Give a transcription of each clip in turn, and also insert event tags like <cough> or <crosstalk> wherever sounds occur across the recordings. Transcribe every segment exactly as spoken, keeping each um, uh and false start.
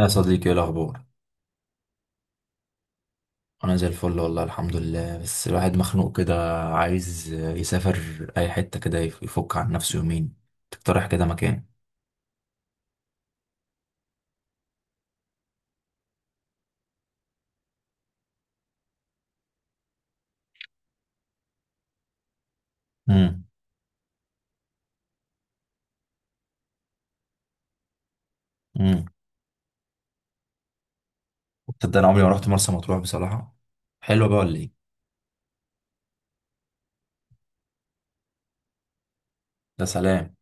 يا صديقي، ايه الاخبار؟ انا زي الفل والله، الحمد لله. بس الواحد مخنوق كده، عايز يسافر اي حته كده يف- يفك عن نفسه يومين. تقترح كده مكان؟ امم. امم. تصدق انا عمري ما رحت مرسى مطروح بصراحه؟ حلوه بقى ولا ايه؟ ده سلام.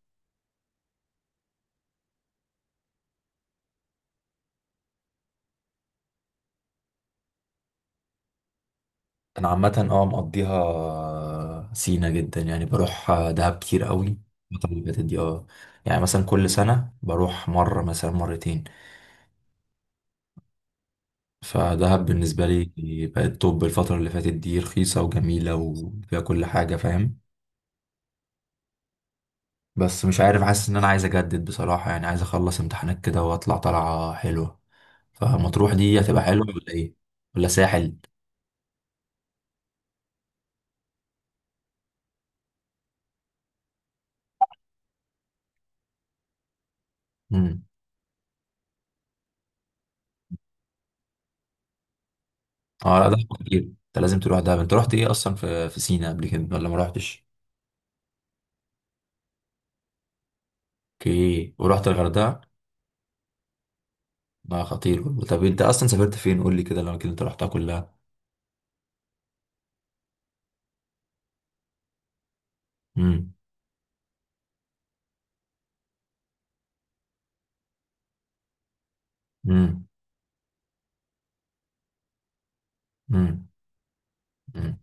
انا عامه اه مقضيها سينا جدا، يعني بروح دهب كتير قوي الفتره اللي فاتت دي، اه. يعني مثلا كل سنه بروح مره، مثلا مرتين. فدهب بالنسبة لي بقت توب الفترة اللي فاتت دي، رخيصة وجميلة وفيها كل حاجة، فاهم. بس مش عارف، حاسس إن أنا عايز أجدد بصراحة، يعني عايز أخلص امتحانات كده وأطلع طلعة حلوة. فمطروح دي هتبقى حلوة ولا إيه؟ ولا ساحل؟ مم. أه لا، دهب كتير. أنت لازم تروح دهب. أنت رحت إيه أصلا في في سينا قبل كده ولا ما رحتش؟ أوكي، ورحت الغردقة؟ لا خطير والله. طب أنت أصلا سافرت فين؟ قول لي كده الأماكن اللي أنت رحتها كلها. مم. مم. مم. مم.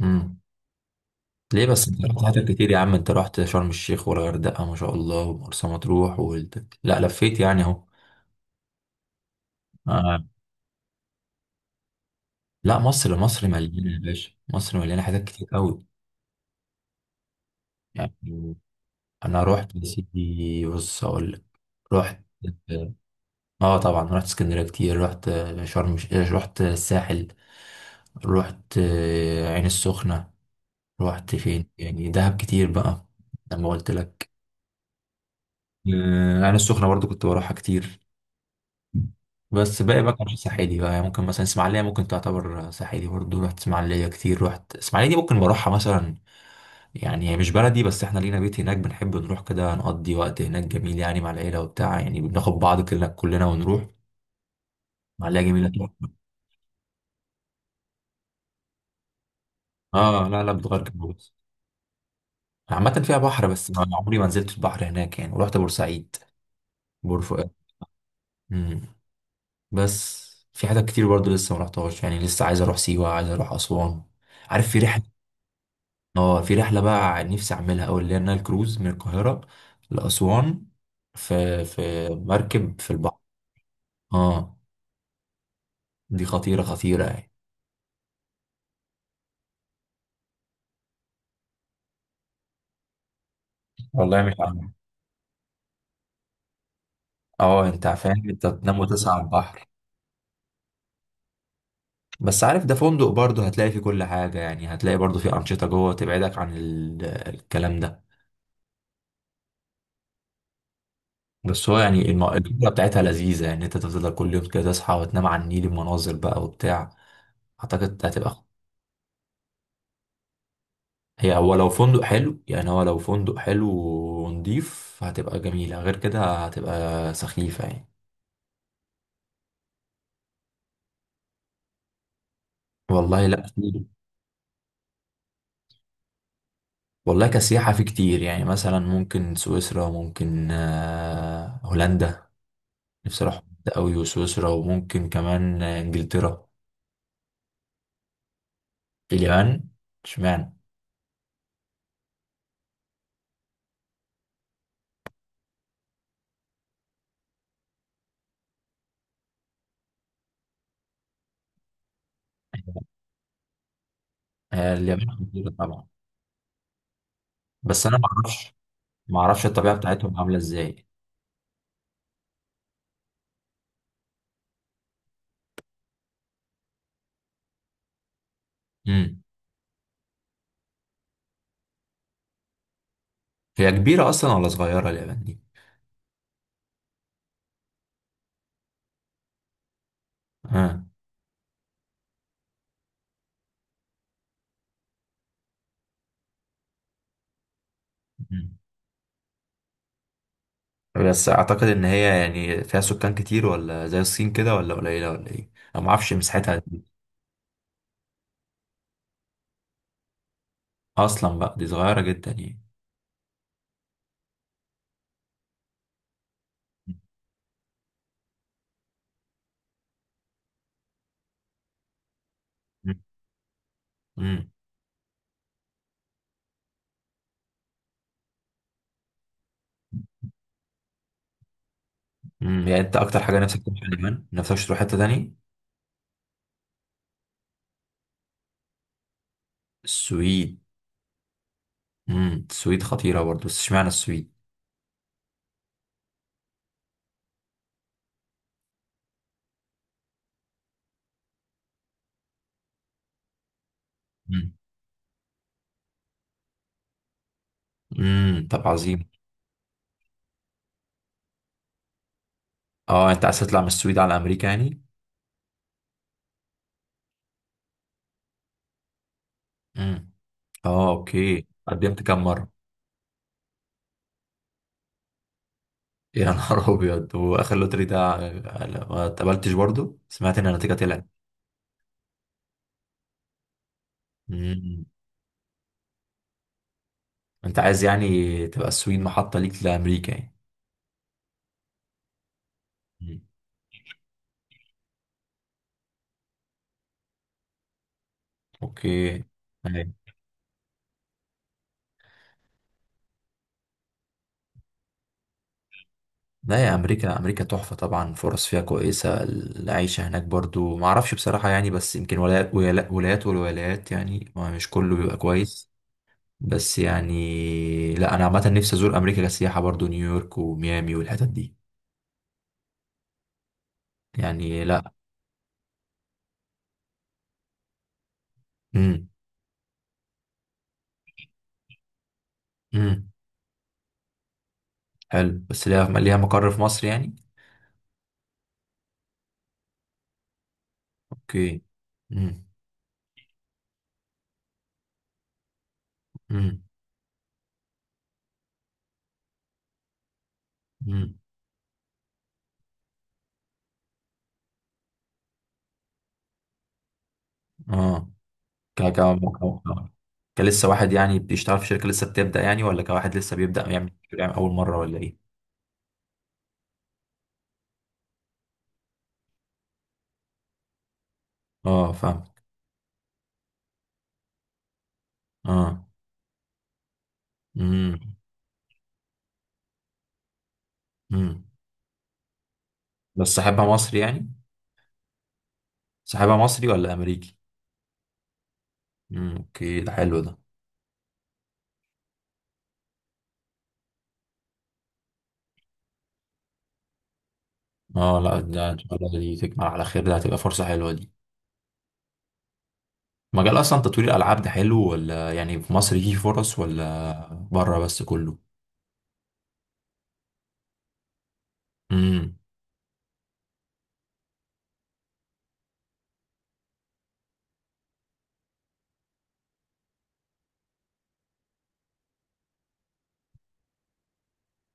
مم. ليه بس انت رحت حتت كتير يا عم؟ انت رحت شرم الشيخ والغردقة ما شاء الله ومرسى مطروح والت... لا لفيت، يعني اهو. آه. لا، مصر مصر مليانة يا باشا، مصر مليانة حتت كتير قوي. يعني انا رحت يا سيدي، بص اقول لك. رحت، اه طبعا، رحت اسكندرية كتير، رحت آه، شرم الش- آه، رحت الساحل، رحت آه، عين السخنة، رحت فين يعني، دهب كتير بقى، لما قلت لك. آه، عين السخنة برضو كنت بروحها كتير. بس باقي بقى كان رايح ساحلي بقى، يعني ممكن مثلا اسماعيلية، ممكن تعتبر ساحلي برضه. رحت اسماعيلية كتير، رحت اسماعيلية. دي ممكن بروحها مثلا، يعني هي مش بلدي بس احنا لينا بيت هناك، بنحب نروح كده نقضي وقت هناك جميل، يعني مع العيلة وبتاع، يعني بناخد بعض كلنا كلنا ونروح. اسماعيلية جميلة تحفة. اه لا لا، بتغير جو بس. عامة فيها بحر بس ما عمري ما نزلت البحر هناك، يعني. ورحت بورسعيد، بورفؤاد. امم. بس في حاجات كتير برضه لسه ما رحتهاش، يعني لسه عايز اروح سيوة، عايز اروح اسوان. عارف في رحلة؟ اه، في رحلة بقى نفسي أعملها أوي، اللي هي النايل كروز من القاهرة لأسوان، في في مركب في البحر. اه، دي خطيرة خطيرة يعني. والله مش عارف. اه، انت فاهم؟ انت تنام وتصحى على البحر. بس عارف ده فندق برضه، هتلاقي فيه كل حاجة، يعني هتلاقي برضه فيه أنشطة جوه تبعدك عن ال- الكلام ده. بس هو يعني الم- الفكرة بتاعتها لذيذة، يعني انت تفضل كل يوم كده تصحى وتنام على النيل، المناظر بقى وبتاع. أعتقد هتبقى. هي هو لو فندق حلو، يعني هو لو فندق حلو ونضيف هتبقى جميلة، غير كده هتبقى سخيفة يعني. والله لا، في- والله كسياحة في كتير، يعني مثلا ممكن سويسرا، ممكن آه، هولندا. نفسي اروح هولندا قوي، وسويسرا، وممكن كمان آه، انجلترا. اليابان؟ اشمعنى؟ آه، اليابان خطيرة طبعا. بس انا ما اعرفش، ما اعرفش الطبيعة بتاعتهم عاملة ازاي. امم. هي كبيرة اصلا ولا صغيرة اليابان دي؟ اه. بس اعتقد ان هي يعني فيها سكان كتير، ولا زي الصين كده، ولا قليله، ولا ايه؟ انا ما اعرفش مساحتها دي اصلا بقى. دي صغيره جدا يعني. <laughs> امم. امم. يعني انت اكتر حاجه نفسك تروح اليابان، نفسك تروح حته تاني؟ السويد؟ امم، السويد خطيره برضه، بس اشمعنى السويد؟ امم. امم، طب عظيم. اه انت عايز تطلع من السويد على امريكا يعني؟ امم. اه اوكي، قدمت كام مره؟ <laughs> يا نهار ابيض! واخر لوتري ده ما اتقبلتش برضه، سمعت ان النتيجه طلعت. انت عايز يعني تبقى السويد محطة ليك لأمريكا يعني؟ مم. اوكي. أيوة. لا، يا امريكا، امريكا تحفة طبعا، فرص فيها كويسة، العيشة هناك برضو ما اعرفش بصراحة يعني، بس يمكن ولايات ولايات ولايات، والولايات يعني ما مش كله بيبقى كويس. بس يعني لا، انا عامة نفسي ازور امريكا كسياحة برضو، نيويورك وميامي والحتت دي. يعني لا. امم. امم، حلو، بس ليها ليها مقر في مصر يعني؟ اوكي. امم. امم. امم. اه. ك ك ك كلسه واحد يعني بيشتغل في شركة لسه بتبدأ، يعني ولا كواحد لسه بيبدأ يعمل يعني أول مرة ولا إيه؟ اه فاهم. اه. امم. امم. بس صاحبها مصري يعني؟ صاحبها مصري ولا أمريكي؟ امم اوكي، ده حلو ده. اه لا، ده ان شاء الله دي تكمل على خير، ده هتبقى فرصة حلوة دي. مجال أصلا تطوير الألعاب ده حلو؟ ولا يعني في مصر فيه فرص ولا بره بس كله؟ امم.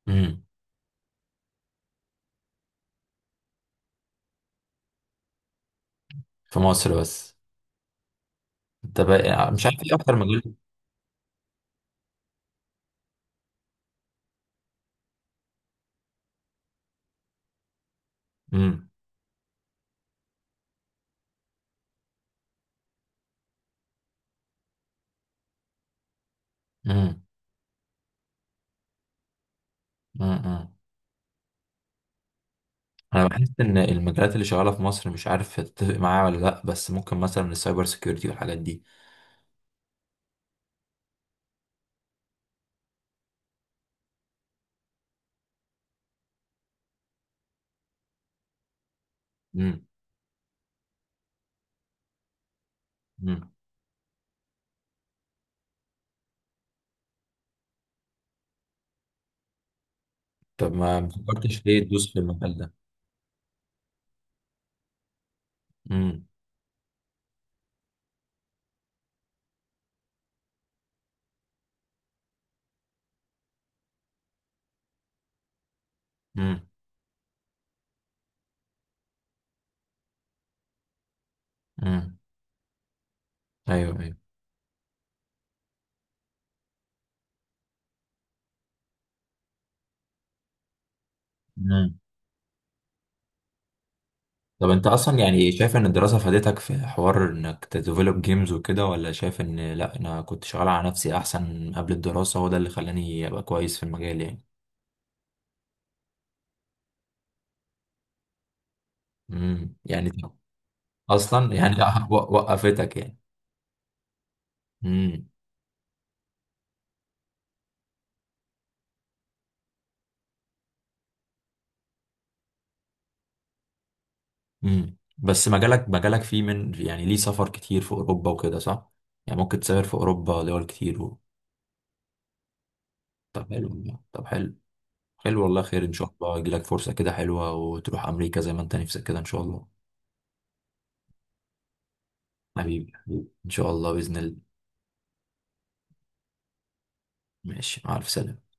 امم، في مصر بس؟ انت بقى مش عارف ايه اكتر مجال؟ امم. امم. امم. انا بحس ان المجالات اللي شغاله في مصر مش عارف تتفق معايا ولا لا، بس ممكن مثلا السايبر سيكيورتي والحاجات دي. امم. امم، طب ما ما فكرتش ليه تدوس في المجال ده؟ امم. امم. امم. ايوه، ايوه. امم، طب انت اصلا يعني شايف ان الدراسه فادتك في حوار انك تديفلوب جيمز وكده، ولا شايف ان لا انا كنت شغال على نفسي احسن قبل الدراسه وده اللي خلاني ابقى كويس في المجال يعني؟ امم، يعني. اصلا يعني <laughs> وقفتك. يعني. امم، بس مجالك مجالك فيه من يعني ليه سفر كتير في اوروبا وكده، صح؟ يعني ممكن تسافر في اوروبا دول كتير و... طب حلو والله. طب حلو. حلو والله، خير ان شاء الله، يجيلك فرصة كده حلوة وتروح امريكا زي ما انت نفسك كده ان شاء الله. حبيبي حبيبي، ان شاء الله باذن الله. ماشي، مع الف سلامة.